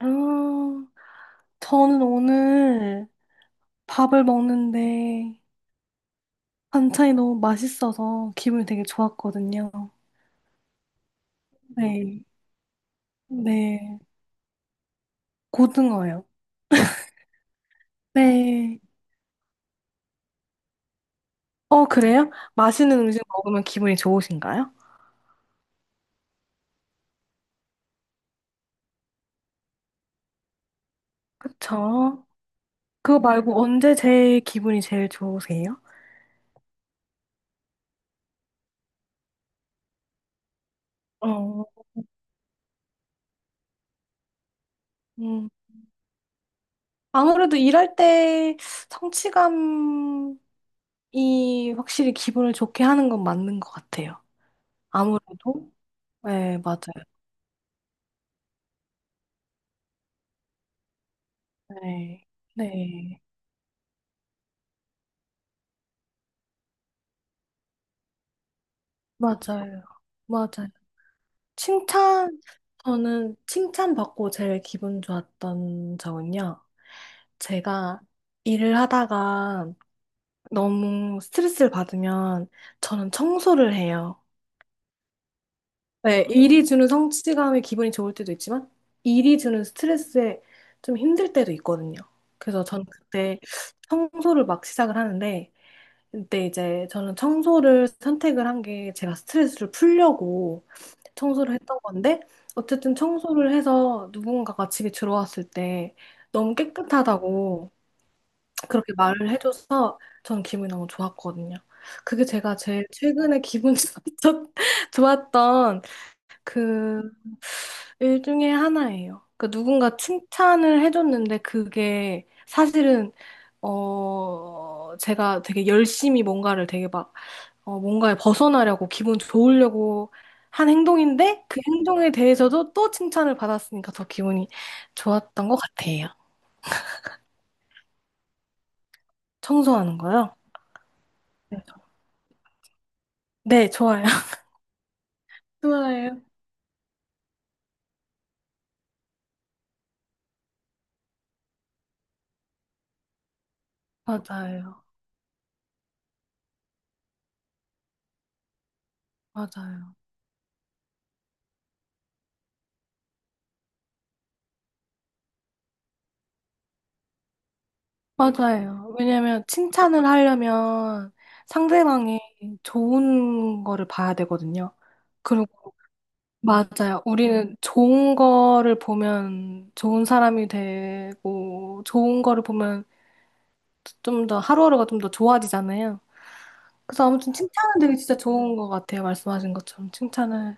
아, 저는 오늘 밥을 먹는데 반찬이 너무 맛있어서 기분이 되게 좋았거든요. 네. 네. 고등어요. 네. 어, 그래요? 맛있는 음식 먹으면 기분이 좋으신가요? 그쵸. 그거 말고 언제 제일 기분이 제일 좋으세요? 어, 음. 아무래도 일할 때 성취감이 확실히 기분을 좋게 하는 건 맞는 것 같아요. 아무래도. 네, 맞아요. 네, 네, 맞아요. 맞아요. 칭찬, 저는 칭찬받고 제일 기분 좋았던 적은요. 제가 일을 하다가 너무 스트레스를 받으면 저는 청소를 해요. 네, 일이 주는 성취감에 기분이 좋을 때도 있지만 일이 주는 스트레스에 좀 힘들 때도 있거든요. 그래서 저는 그때 청소를 막 시작을 하는데 근데 이제 저는 청소를 선택을 한 게 제가 스트레스를 풀려고 청소를 했던 건데 어쨌든 청소를 해서 누군가가 집에 들어왔을 때 너무 깨끗하다고 그렇게 말을 해줘서 전 기분이 너무 좋았거든요. 그게 제가 제일 최근에 기분 좋았- 좋았던 그 일 중에 하나예요. 그 누군가 칭찬을 해줬는데 그게 사실은 제가 되게 열심히 뭔가를 되게 막 뭔가에 벗어나려고 기분 좋으려고 한 행동인데 그 행동에 대해서도 또 칭찬을 받았으니까 더 기분이 좋았던 것 같아요. 청소하는 거요? 네, 네, 좋아요. 좋아요. 맞아요. 맞아요. 맞아요. 왜냐면 칭찬을 하려면 상대방이 좋은 거를 봐야 되거든요. 그리고 맞아요. 우리는 좋은 거를 보면 좋은 사람이 되고 좋은 거를 보면 좀 더 하루하루가 좀 더 좋아지잖아요. 그래서 아무튼 칭찬은 되게 진짜 좋은 것 같아요. 말씀하신 것처럼 칭찬을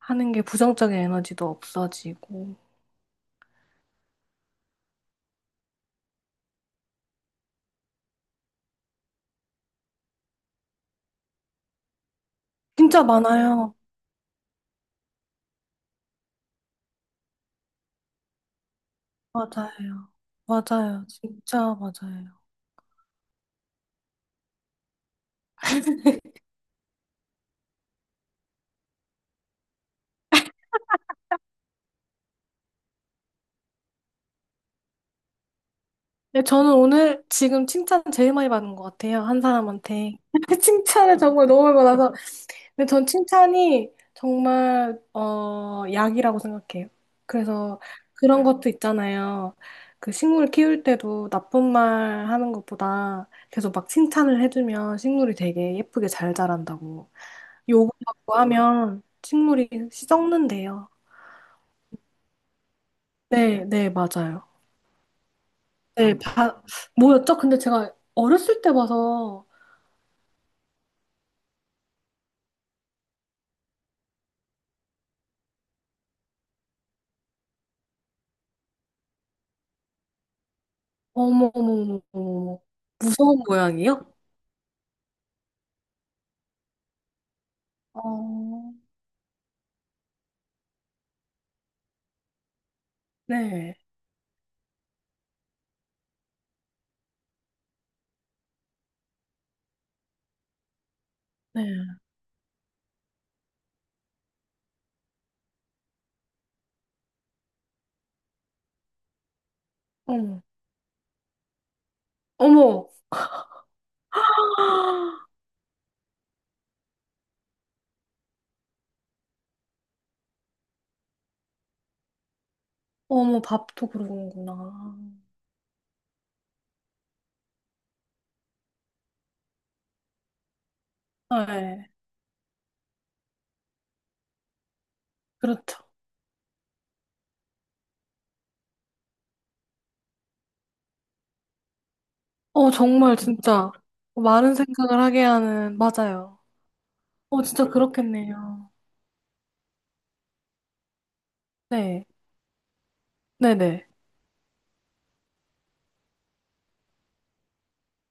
하는 게 부정적인 에너지도 없어지고 진짜 많아요. 맞아요. 맞아요. 진짜 맞아요. 네, 저는 오늘 지금 칭찬 제일 많이 받은 것 같아요. 한 사람한테 칭찬을 정말 너무 많이 받아서 근데 전 칭찬이 정말 약이라고 생각해요. 그래서 그런 것도 있잖아요. 그 식물 키울 때도 나쁜 말 하는 것보다 계속 막 칭찬을 해주면 식물이 되게 예쁘게 잘 자란다고. 욕하고 하면 식물이 썩는데요. 네, 네, 맞아요. 네, 뭐였죠? 근데 제가 어렸을 때 봐서 어머, 어머, 어머, 어머, 무서운 모양이요? 어, 네, 네. 어머, 어머. 어머, 밥도 그러는구나. 네, 그렇죠. 어, 정말 진짜 많은 생각을 하게 하는, 맞아요. 어, 진짜 그렇겠네요. 네, 네네.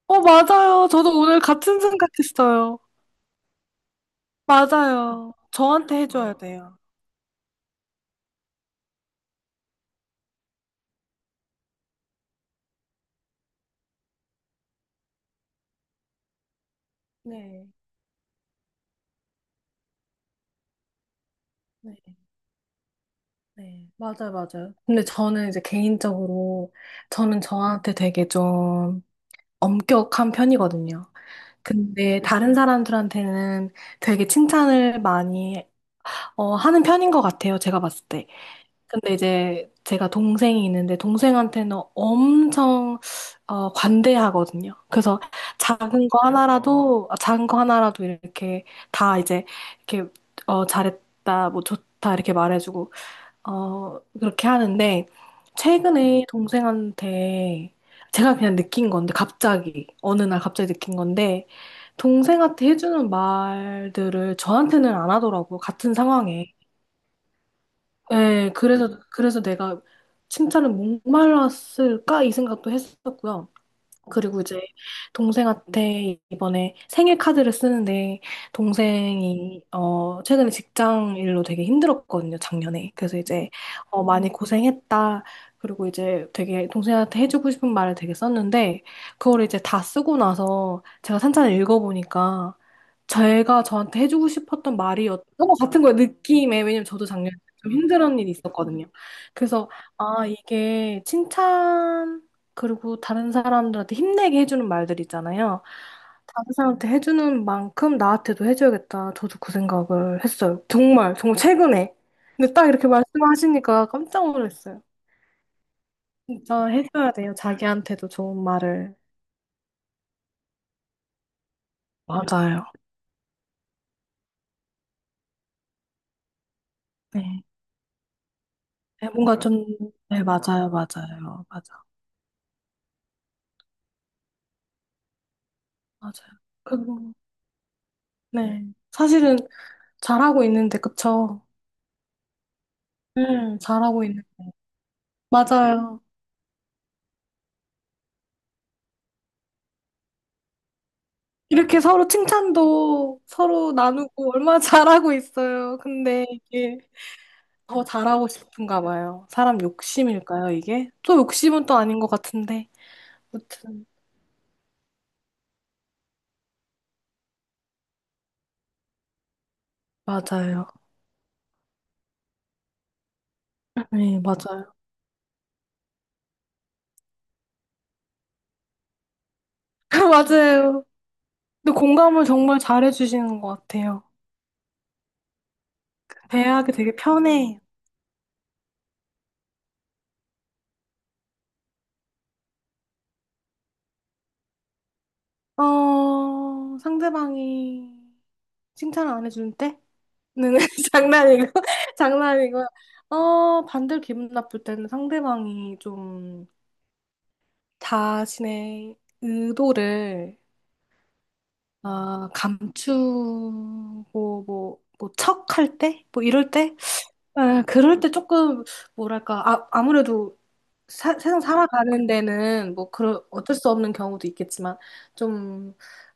어, 맞아요. 저도 오늘 같은 생각했어요. 맞아요. 저한테 해줘야 돼요. 네, 네, 네. 맞아요, 맞아요. 근데 저는 이제 개인적으로, 저는 저한테 되게 좀 엄격한 편이거든요. 근데 다른 사람들한테는 되게 칭찬을 많이 하는 편인 것 같아요, 제가 봤을 때. 근데 이제 제가 동생이 있는데 동생한테는 엄청 관대하거든요. 그래서 작은 거 하나라도 이렇게 다 이제 이렇게 잘했다, 뭐 좋다 이렇게 말해주고 그렇게 하는데 최근에 동생한테 제가 그냥 느낀 건데 갑자기 어느 날 갑자기 느낀 건데 동생한테 해주는 말들을 저한테는 안 하더라고요. 같은 상황에. 예, 그래서 내가 칭찬을 목말랐을까? 이 생각도 했었고요. 그리고 이제 동생한테 이번에 생일 카드를 쓰는데 동생이 최근에 직장 일로 되게 힘들었거든요, 작년에. 그래서 이제 많이 고생했다. 그리고 이제 되게 동생한테 해주고 싶은 말을 되게 썼는데 그걸 이제 다 쓰고 나서 제가 산천을 읽어보니까 제가 저한테 해주고 싶었던 말이었던 것 같은 거예요, 느낌에. 왜냐면 저도 작년에 좀 힘들었던 일이 있었거든요. 그래서 아, 이게 칭찬 그리고 다른 사람들한테 힘내게 해주는 말들 있잖아요. 다른 사람한테 해주는 만큼 나한테도 해줘야겠다. 저도 그 생각을 했어요. 정말, 정말 최근에. 근데 딱 이렇게 말씀하시니까 깜짝 놀랐어요. 진짜 해줘야 돼요. 자기한테도 좋은 말을. 맞아요. 네. 네, 뭔가 좀, 네, 맞아요, 맞아요, 맞아. 맞아요. 그리고, 네. 사실은 잘하고 있는데, 그쵸? 네, 잘하고 있는. 맞아요. 이렇게 서로 칭찬도 서로 나누고 얼마나 잘하고 있어요. 근데 이게 더 잘하고 싶은가 봐요. 사람 욕심일까요, 이게? 또 욕심은 또 아닌 것 같은데. 아무튼, 맞아요. 네, 맞아요. 맞아요. 근데 공감을 정말 잘해주시는 것 같아요. 대하기 되게 편해요. 어, 상대방이 칭찬을 안 해줄 때는 장난이고, 장난이고, 어, 반대로 기분 나쁠 때는 상대방이 좀 자신의 의도를 아, 감추고 뭐, 뭐 척할 때? 뭐 이럴 때? 아, 그럴 때 조금 뭐랄까 아, 아무래도 세상 살아가는 데는 뭐 그런 어쩔 수 없는 경우도 있겠지만 좀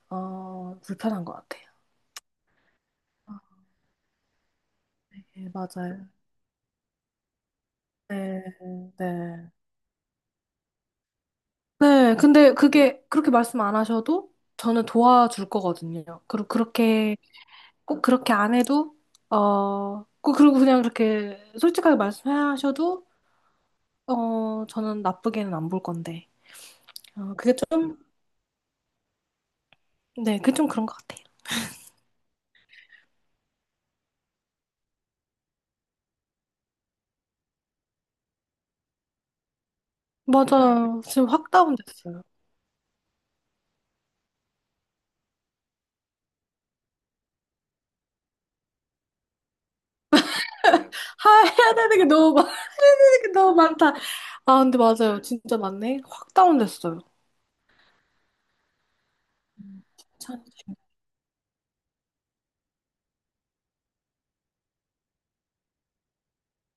불편한 것 같아요. 아, 네, 맞아요. 네, 네. 네, 근데 그게 그렇게 말씀 안 하셔도 저는 도와줄 거거든요. 그리고 그렇게 꼭 그렇게 안 해도 꼭 그리고 그냥 그렇게 솔직하게 말씀하셔도 저는 나쁘게는 안 볼 건데. 어, 그게 좀 네, 그게 좀 그런 것 같아요. 맞아요. 지금 확 다운됐어요. 하, 해야 되는 게 너무 많, 해야 되는 게 너무 많다. 아, 근데 맞아요. 진짜 맞네 확 다운됐어요. 음. 참.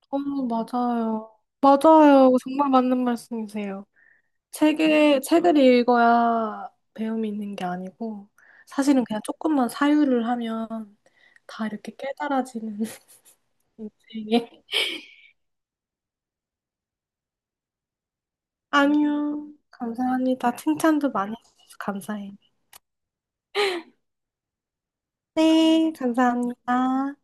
어머, 맞아요. 맞아요. 정말 맞는 말씀이세요. 책을 읽어야 배움이 있는 게 아니고, 사실은 그냥 조금만 사유를 하면 다 이렇게 깨달아지는 인생에. 아니요. 감사합니다. 칭찬도 많이 해주셔서 감사해요. 네, 감사합니다.